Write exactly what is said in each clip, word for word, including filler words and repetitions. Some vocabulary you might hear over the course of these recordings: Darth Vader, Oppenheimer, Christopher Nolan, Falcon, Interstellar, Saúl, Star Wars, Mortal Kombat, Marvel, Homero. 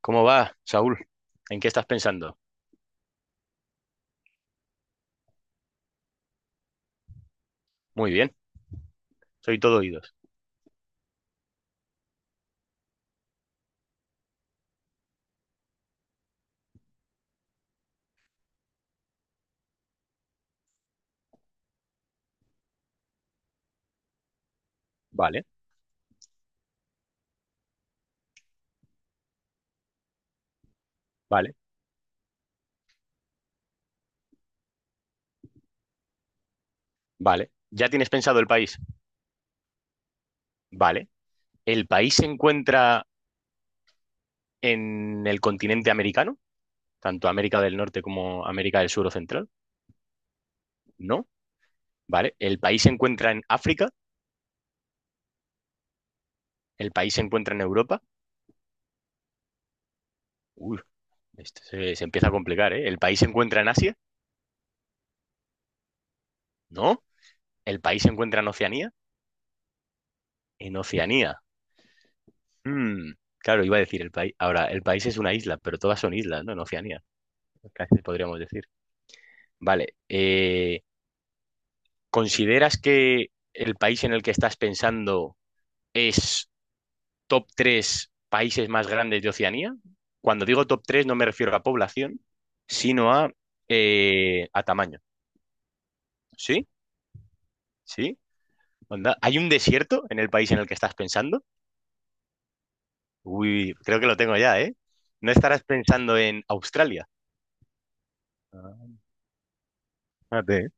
¿Cómo va, Saúl? ¿En qué estás pensando? Muy bien, soy todo oídos. Vale, vale, vale. ¿Ya tienes pensado el país? Vale. ¿El país se encuentra en el continente americano? Tanto América del Norte como América del Sur o Central. No, vale. ¿El país se encuentra en África? ¿El país se encuentra en Europa? Uy, esto se, se empieza a complicar, ¿eh? ¿El país se encuentra en Asia? No. ¿El país se encuentra en Oceanía? En Oceanía. Mm, Claro, iba a decir el país. Ahora, el país es una isla, pero todas son islas, ¿no? En Oceanía casi podríamos decir. Vale, eh, ¿consideras que el país en el que estás pensando es top tres países más grandes de Oceanía? Cuando digo top tres no me refiero a población, sino a, eh, a tamaño. ¿Sí? ¿Sí? Onda, ¿hay un desierto en el país en el que estás pensando? Uy, creo que lo tengo ya, ¿eh? ¿No estarás pensando en Australia? Ah, fíjate.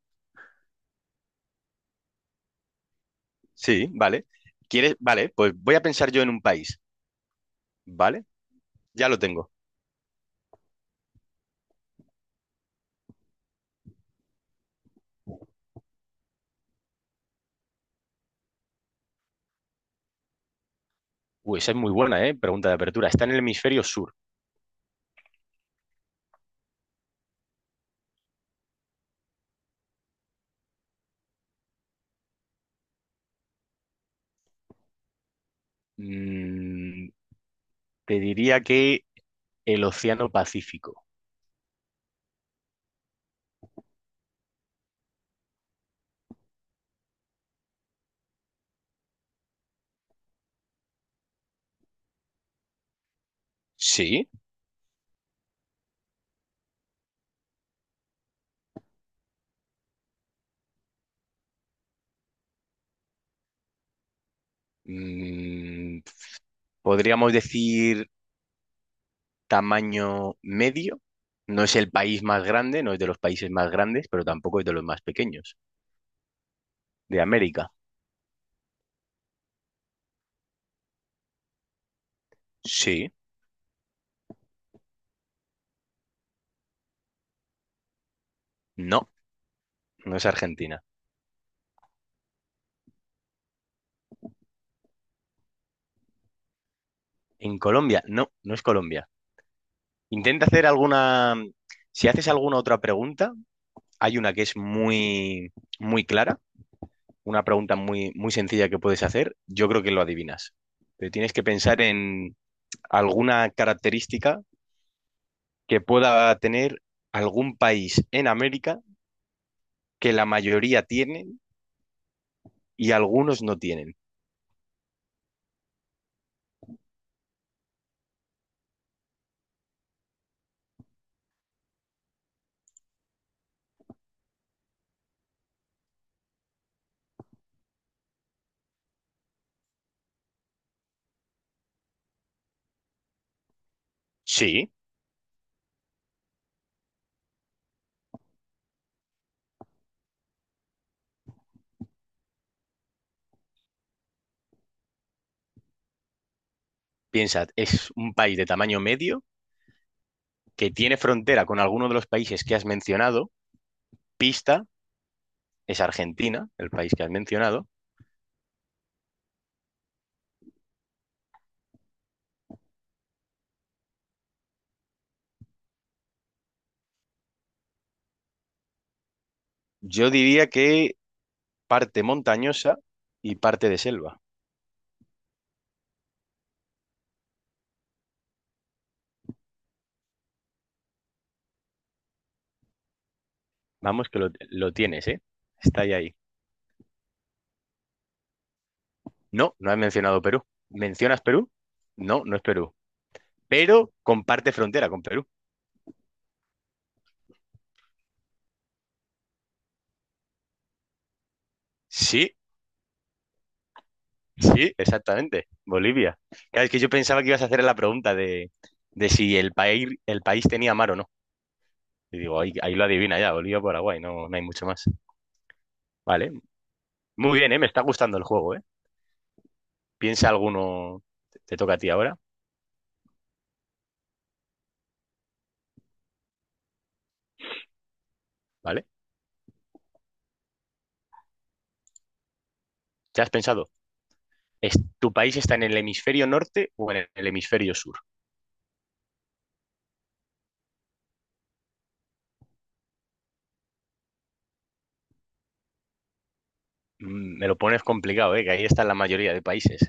Sí, vale. ¿Quieres? Vale, pues voy a pensar yo en un país. ¿Vale? Ya lo tengo. Uy, esa es muy buena, ¿eh? Pregunta de apertura. Está en el hemisferio sur. Mm, te diría que el Océano Pacífico. Sí. Mm, podríamos decir tamaño medio. No es el país más grande, no es de los países más grandes, pero tampoco es de los más pequeños. De América. Sí. No, no es Argentina. En Colombia, no, no es Colombia. Intenta hacer alguna... Si haces alguna otra pregunta, hay una que es muy, muy clara, una pregunta muy, muy sencilla que puedes hacer. Yo creo que lo adivinas. Pero tienes que pensar en alguna característica que pueda tener algún país en América que la mayoría tienen y algunos no tienen. Sí, piensa, es un país de tamaño medio que tiene frontera con alguno de los países que has mencionado. Pista, es Argentina, el país que has mencionado. Yo diría que parte montañosa y parte de selva. Vamos, que lo, lo tienes, ¿eh? Está ahí, ahí. No, no has mencionado Perú. ¿Mencionas Perú? No, no es Perú. Pero comparte frontera con Perú. Sí, sí, exactamente. Bolivia. Claro, es que yo pensaba que ibas a hacer la pregunta de, de si el país, el país tenía mar o no. Y digo, ahí, ahí lo adivina ya, Bolivia, Paraguay, no, no hay mucho más. Vale. Muy bien, ¿eh? Me está gustando el juego, ¿eh? Piensa alguno. Te te toca a ti ahora, ¿vale? ¿Ya has pensado? ¿Es, ¿Tu país está en el hemisferio norte o en el hemisferio sur? Mm, Me lo pones complicado, ¿eh? Que ahí está la mayoría de países.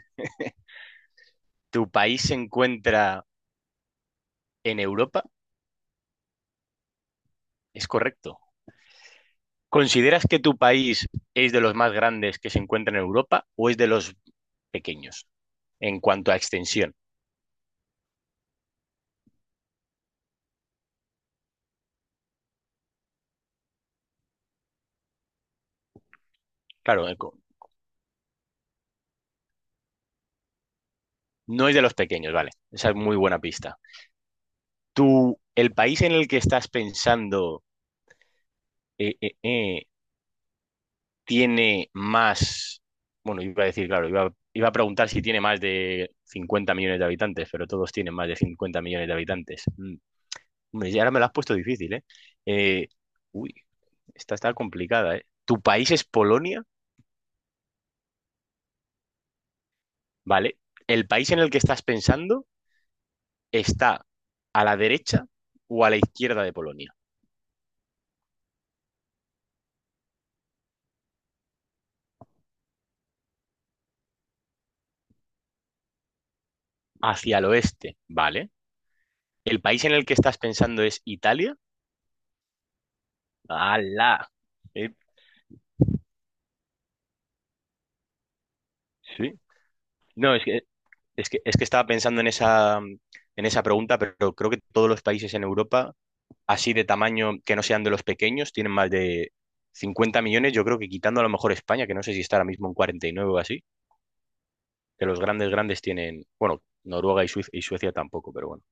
¿Tu país se encuentra en Europa? Es correcto. ¿Consideras que tu país es de los más grandes que se encuentran en Europa o es de los pequeños en cuanto a extensión? Claro, eh, co- no es de los pequeños, vale. Esa es muy buena pista. ¿Tú, el país en el que estás pensando eh, eh, eh, tiene más... Bueno, iba a decir, claro, iba, iba a preguntar si tiene más de cincuenta millones de habitantes, pero todos tienen más de cincuenta millones de habitantes. Mm. Hombre, ya ahora me lo has puesto difícil, ¿eh? Eh, uy, esta está complicada, ¿eh? Tu país es Polonia, ¿vale? El país en el que estás pensando está a la derecha o a la izquierda de Polonia, hacia el oeste, ¿vale? El país en el que estás pensando es Italia. ¡Hala! Eh, sí. No, es que, es que, es que estaba pensando en esa, en esa, pregunta, pero creo que todos los países en Europa así de tamaño que no sean de los pequeños tienen más de 50 millones, yo creo, que quitando a lo mejor España, que no sé si está ahora mismo en cuarenta y nueve o así, que los grandes grandes tienen, bueno, Noruega y, Suiz- y Suecia tampoco, pero bueno.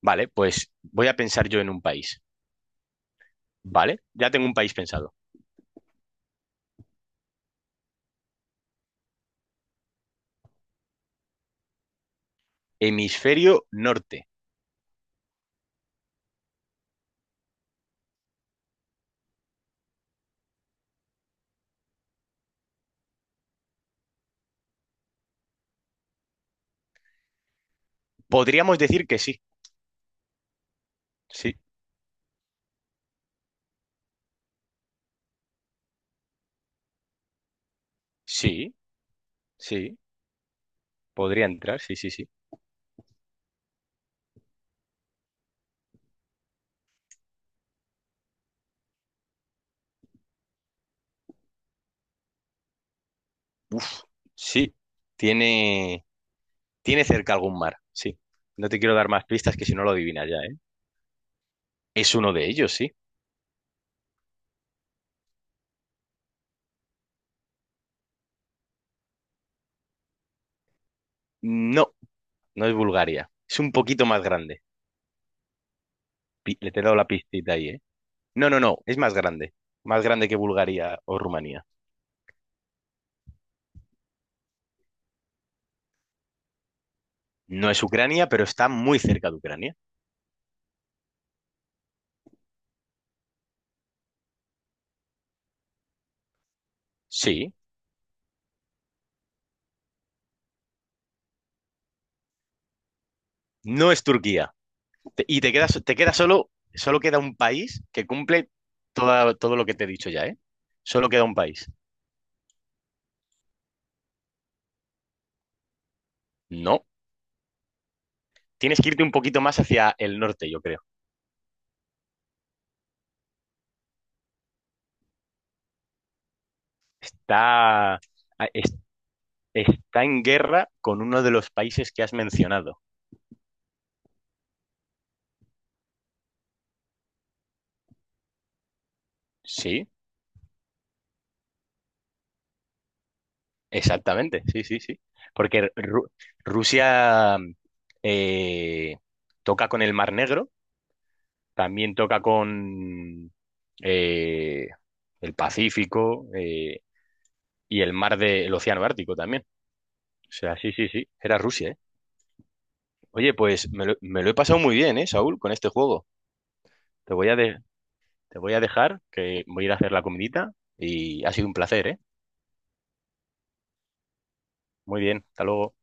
Vale, pues voy a pensar yo en un país, ¿vale? Ya tengo un país pensado. Hemisferio norte. Podríamos decir que sí, sí, sí, sí, podría entrar, sí, sí, sí. Sí, tiene, tiene cerca algún mar, sí. No te quiero dar más pistas que si no lo adivinas ya, ¿eh? Es uno de ellos, sí. No, no es Bulgaria. Es un poquito más grande. Pi- Le te he dado la pistita ahí, ¿eh? No, no, no. Es más grande. Más grande que Bulgaria o Rumanía. No es Ucrania, pero está muy cerca de Ucrania. Sí. No es Turquía. Te- y te quedas, te queda solo, solo queda un país que cumple toda- todo lo que te he dicho ya, ¿eh? Solo queda un país. No. Tienes que irte un poquito más hacia el norte, yo creo. Está, a- es- está en guerra con uno de los países que has mencionado. Sí. Exactamente, sí, sí, sí. Porque Ru- Rusia mm, eh, toca con el Mar Negro, también toca con eh, el Pacífico eh, y el mar del Océano Ártico también. O sea, sí, sí, sí, era Rusia, ¿eh? Oye, pues me lo, me lo he pasado muy bien, ¿eh, Saúl, con este juego? Te voy a de- te voy a dejar, que voy a ir a hacer la comidita, y ha sido un placer, ¿eh? Muy bien, hasta luego.